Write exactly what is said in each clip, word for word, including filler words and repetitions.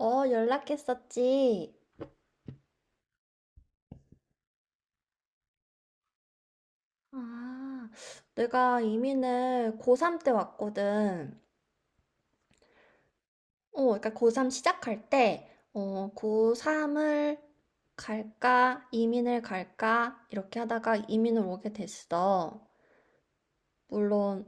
어, 연락했었지. 아, 내가 이민을 고삼 때 왔거든. 어, 그러니까 고삼 시작할 때, 어, 고삼을 갈까, 이민을 갈까, 이렇게 하다가 이민을 오게 됐어. 물론,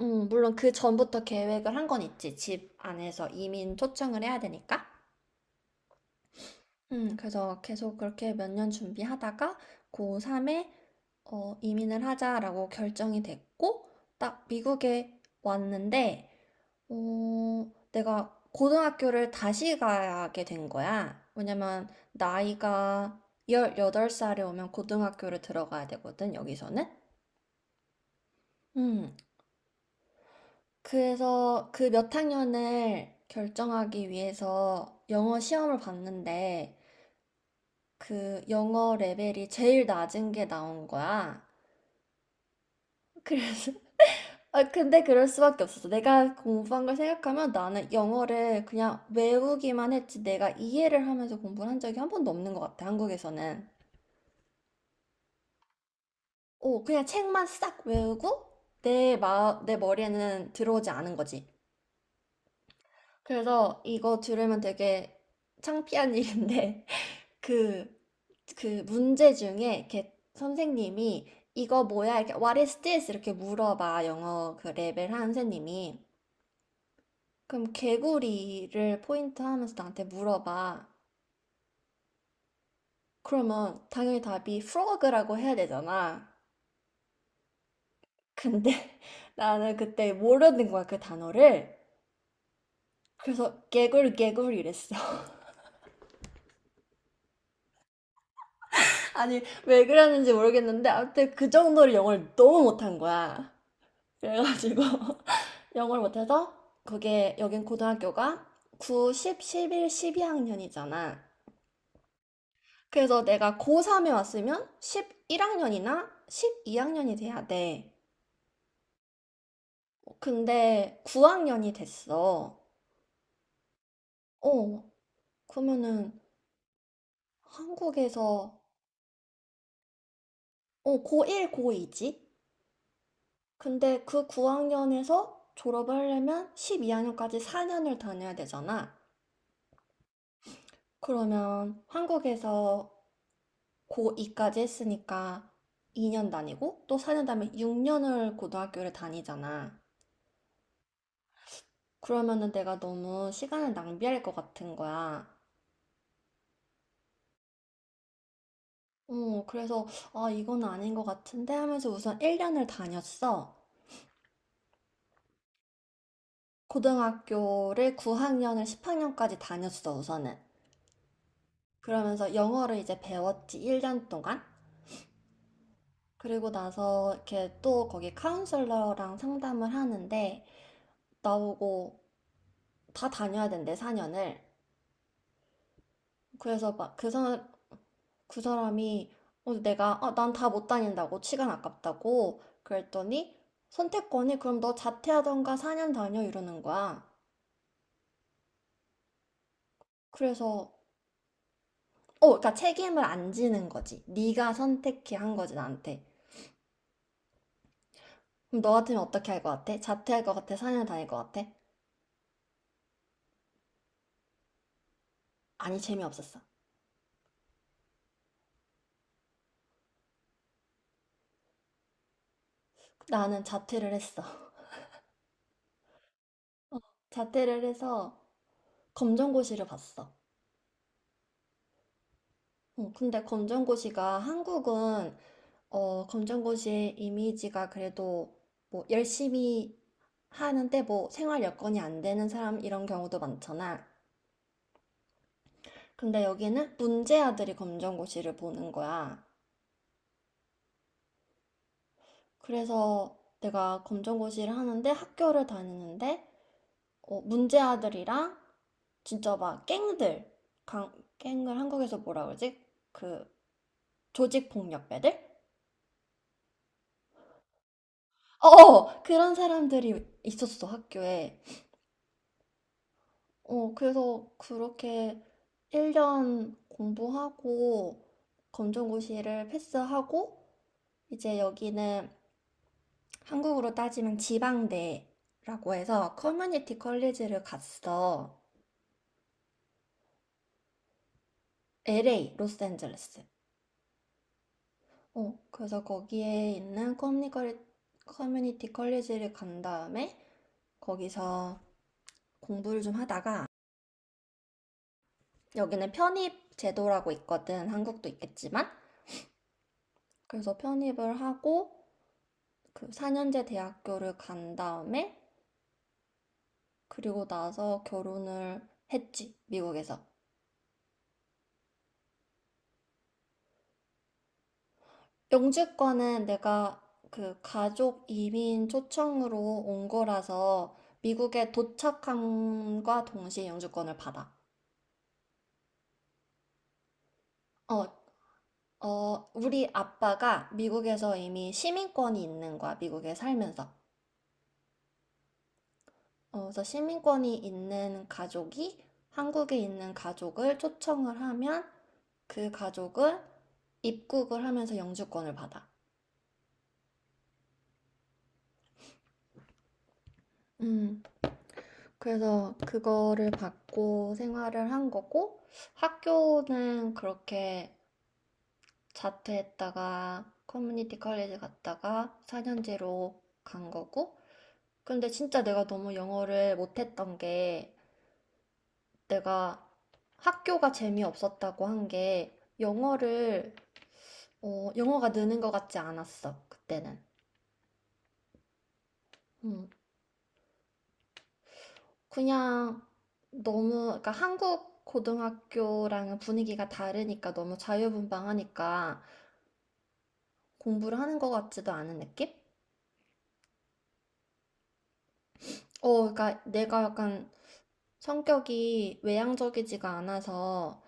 음, 물론 그 전부터 계획을 한 건 있지. 집 안에서 이민 초청을 해야 되니까. 음, 그래서 계속 그렇게 몇 년 준비하다가 고삼에 어, 이민을 하자라고 결정이 됐고, 딱 미국에 왔는데, 어, 내가 고등학교를 다시 가게 된 거야. 왜냐면 나이가 열여덟 살에 오면 고등학교를 들어가야 되거든, 여기서는. 음, 그래서 그 몇 학년을 결정하기 위해서 영어 시험을 봤는데, 그 영어 레벨이 제일 낮은 게 나온 거야. 그래서 아 근데 그럴 수밖에 없었어. 내가 공부한 걸 생각하면 나는 영어를 그냥 외우기만 했지 내가 이해를 하면서 공부를 한 적이 한 번도 없는 것 같아. 한국에서는. 오, 그냥 책만 싹 외우고 내 마, 내 머리에는 들어오지 않은 거지. 그래서 이거 들으면 되게 창피한 일인데 그, 그 문제 중에 이렇게 선생님이 이거 뭐야? 이렇게 What is this? 이렇게 물어봐. 영어 그 레벨 한 선생님이. 그럼 개구리를 포인트 하면서 나한테 물어봐. 그러면 당연히 답이 frog라고 해야 되잖아. 근데 나는 그때 모르는 거야, 그 단어를. 그래서 개구리 개구리 이랬어. 아니, 왜 그랬는지 모르겠는데 아무튼 그 정도로 영어를 너무 못한 거야. 그래가지고 영어를 못해서 그게 여긴 고등학교가 구, 십, 십일, 십이 학년이잖아. 그래서 내가 고삼에 왔으면 십일 학년이나 십이 학년이 돼야 돼. 근데 구 학년이 됐어. 어, 그러면은 한국에서 어, 고일, 고이지? 근데 그 구 학년에서 졸업을 하려면 십이 학년까지 사 년을 다녀야 되잖아. 그러면 한국에서 고이까지 했으니까 이 년 다니고 또 사 년 다음에 육 년을 고등학교를 다니잖아. 그러면은 내가 너무 시간을 낭비할 것 같은 거야. 어, 그래서 아, 이건 아닌 것 같은데 하면서 우선 일 년을 다녔어. 고등학교를 구 학년을 십 학년까지 다녔어, 우선은. 그러면서 영어를 이제 배웠지, 일 년 동안. 그리고 나서 이렇게 또 거기 카운슬러랑 상담을 하는데 나오고 다 다녀야 된대, 사 년을. 그래서 막그 그 사람이 어, 내가 어, 난 다 못 다닌다고 시간 아깝다고 그랬더니 선택권이 그럼 너 자퇴하던가 사 년 다녀 이러는 거야. 그래서 어, 그러니까 책임을 안 지는 거지. 네가 선택해 한 거지 나한테. 그럼 너 같으면 어떻게 할 것 같아? 자퇴할 것 같아? 사 년 다닐 것 같아? 아니 재미없었어. 나는 자퇴를 했어. 자퇴를 해서 검정고시를 봤어. 어, 근데 검정고시가 한국은 어, 검정고시의 이미지가 그래도 뭐 열심히 하는데 뭐 생활 여건이 안 되는 사람 이런 경우도 많잖아. 근데 여기는 문제아들이 검정고시를 보는 거야. 그래서 내가 검정고시를 하는데 학교를 다니는데 어, 문제아들이랑 진짜 막 갱들, 강, 갱을 한국에서 뭐라 그러지? 그 조직 폭력배들? 어, 어, 그런 사람들이 있었어, 학교에. 어, 그래서 그렇게 일 년 공부하고 검정고시를 패스하고 이제 여기는 한국으로 따지면 지방대라고 해서 커뮤니티 컬리지를 갔어. 엘에이, 로스앤젤레스. 어, 그래서 거기에 있는 커뮤니컬- 커뮤니티 컬리지를 간 다음에 거기서 공부를 좀 하다가 여기는 편입 제도라고 있거든. 한국도 있겠지만. 그래서 편입을 하고 그 사년제 대학교를 간 다음에 그리고 나서 결혼을 했지, 미국에서. 영주권은 내가 그 가족 이민 초청으로 온 거라서 미국에 도착함과 동시에 영주권을 받아. 어, 어, 우리 아빠가 미국에서 이미 시민권이 있는 거야, 미국에 살면서. 어, 그래서 시민권이 있는 가족이 한국에 있는 가족을 초청을 하면 그 가족은 입국을 하면서 영주권을 받아. 음, 그래서 그거를 받고 생활을 한 거고, 학교는 그렇게 자퇴했다가 커뮤니티 컬리지 갔다가 사년제로 간 거고, 근데 진짜 내가 너무 영어를 못했던 게, 내가 학교가 재미없었다고 한 게, 영어를, 어, 영어가 느는 것 같지 않았어, 그때는. 음. 그냥 너무, 그러니까 한국 고등학교랑은 분위기가 다르니까 너무 자유분방하니까 공부를 하는 것 같지도 않은 느낌? 어, 그러니까 내가 약간 성격이 외향적이지가 않아서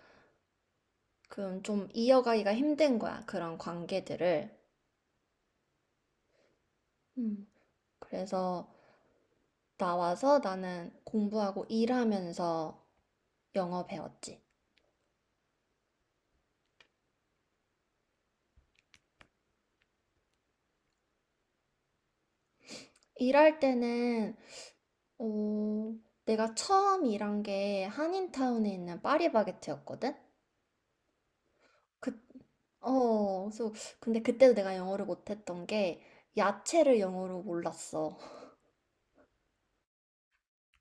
그좀 이어가기가 힘든 거야, 그런 관계들을. 음. 그래서 나와서 나는 공부하고 일하면서 영어 배웠지. 일할 때는 어, 내가 처음 일한 게 한인타운에 있는 파리바게트였거든? 그, 어, 그래서, 근데 그때도 내가 영어를 못했던 게 야채를 영어로 몰랐어.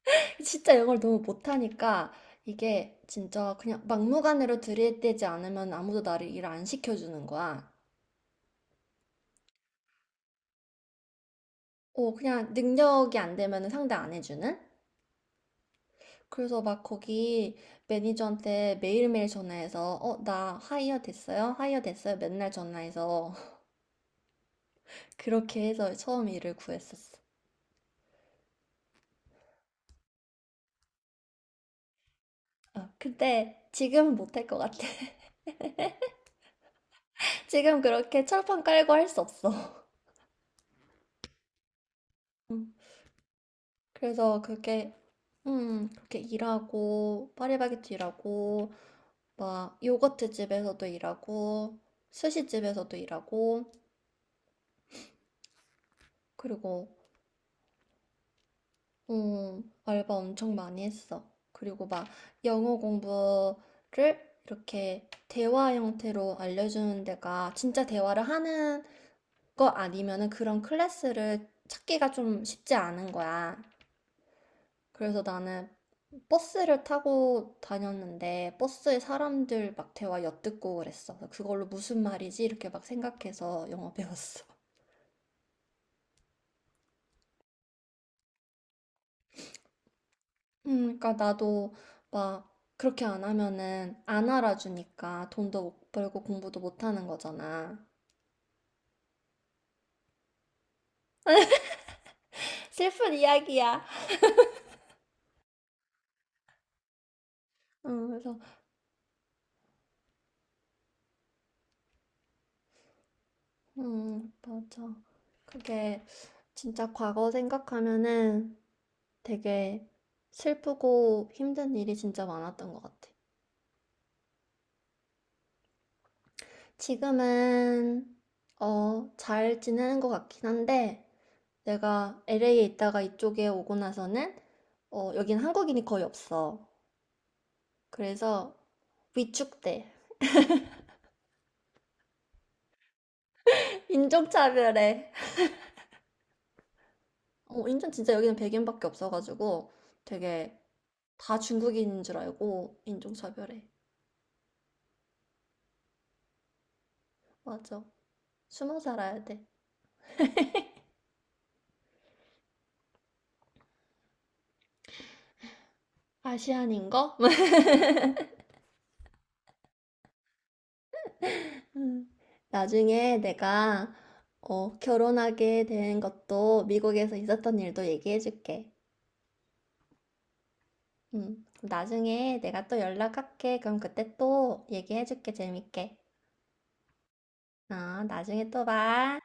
진짜 영어를 너무 못하니까 이게 진짜 그냥 막무가내로 들이대지 않으면 아무도 나를 일 안 시켜주는 거야. 어, 그냥 능력이 안 되면 상대 안 해주는? 그래서 막 거기 매니저한테 매일매일 전화해서, 어, 나 하이어 됐어요? 하이어 됐어요? 맨날 전화해서 그렇게 해서 처음 일을 구했었어. 아, 근데 지금은 못 할 것 같아. 지금 그렇게 철판 깔고 할 수 없어. 음, 그래서 그렇게, 음, 그렇게 일하고, 파리바게트 일하고, 막 요거트 집에서도 일하고, 스시 집에서도 일하고, 그리고, 음, 알바 엄청 많이 했어. 그리고 막 영어 공부를 이렇게 대화 형태로 알려주는 데가 진짜 대화를 하는 거 아니면은 그런 클래스를 찾기가 좀 쉽지 않은 거야. 그래서 나는 버스를 타고 다녔는데 버스에 사람들 막 대화 엿듣고 그랬어. 그걸로 무슨 말이지? 이렇게 막 생각해서 영어 배웠어. 음, 그러니까 나도 막 그렇게 안 하면은 안 알아주니까 돈도 못 벌고 공부도 못 하는 거잖아. 슬픈 이야기야. 음, 그래서 음, 맞아. 그게 진짜 과거 생각하면은 되게 슬프고 힘든 일이 진짜 많았던 것 같아. 지금은, 어, 잘 지내는 것 같긴 한데, 내가 엘에이에 있다가 이쪽에 오고 나서는, 어, 여긴 한국인이 거의 없어. 그래서 위축돼. 인종차별해. 어, 인천 진짜 여기는 백인밖에 없어가지고 되게 다 중국인인 줄 알고 인종차별해. 맞아. 숨어 살아야 돼. 아시안인 거? 음, 나중에 내가 어, 결혼하게 된 것도 미국에서 있었던 일도 얘기해 줄게. 음, 그럼 나중에 내가 또 연락할게. 그럼 그때 또 얘기해 줄게. 재밌게. 어, 나중에 또 봐.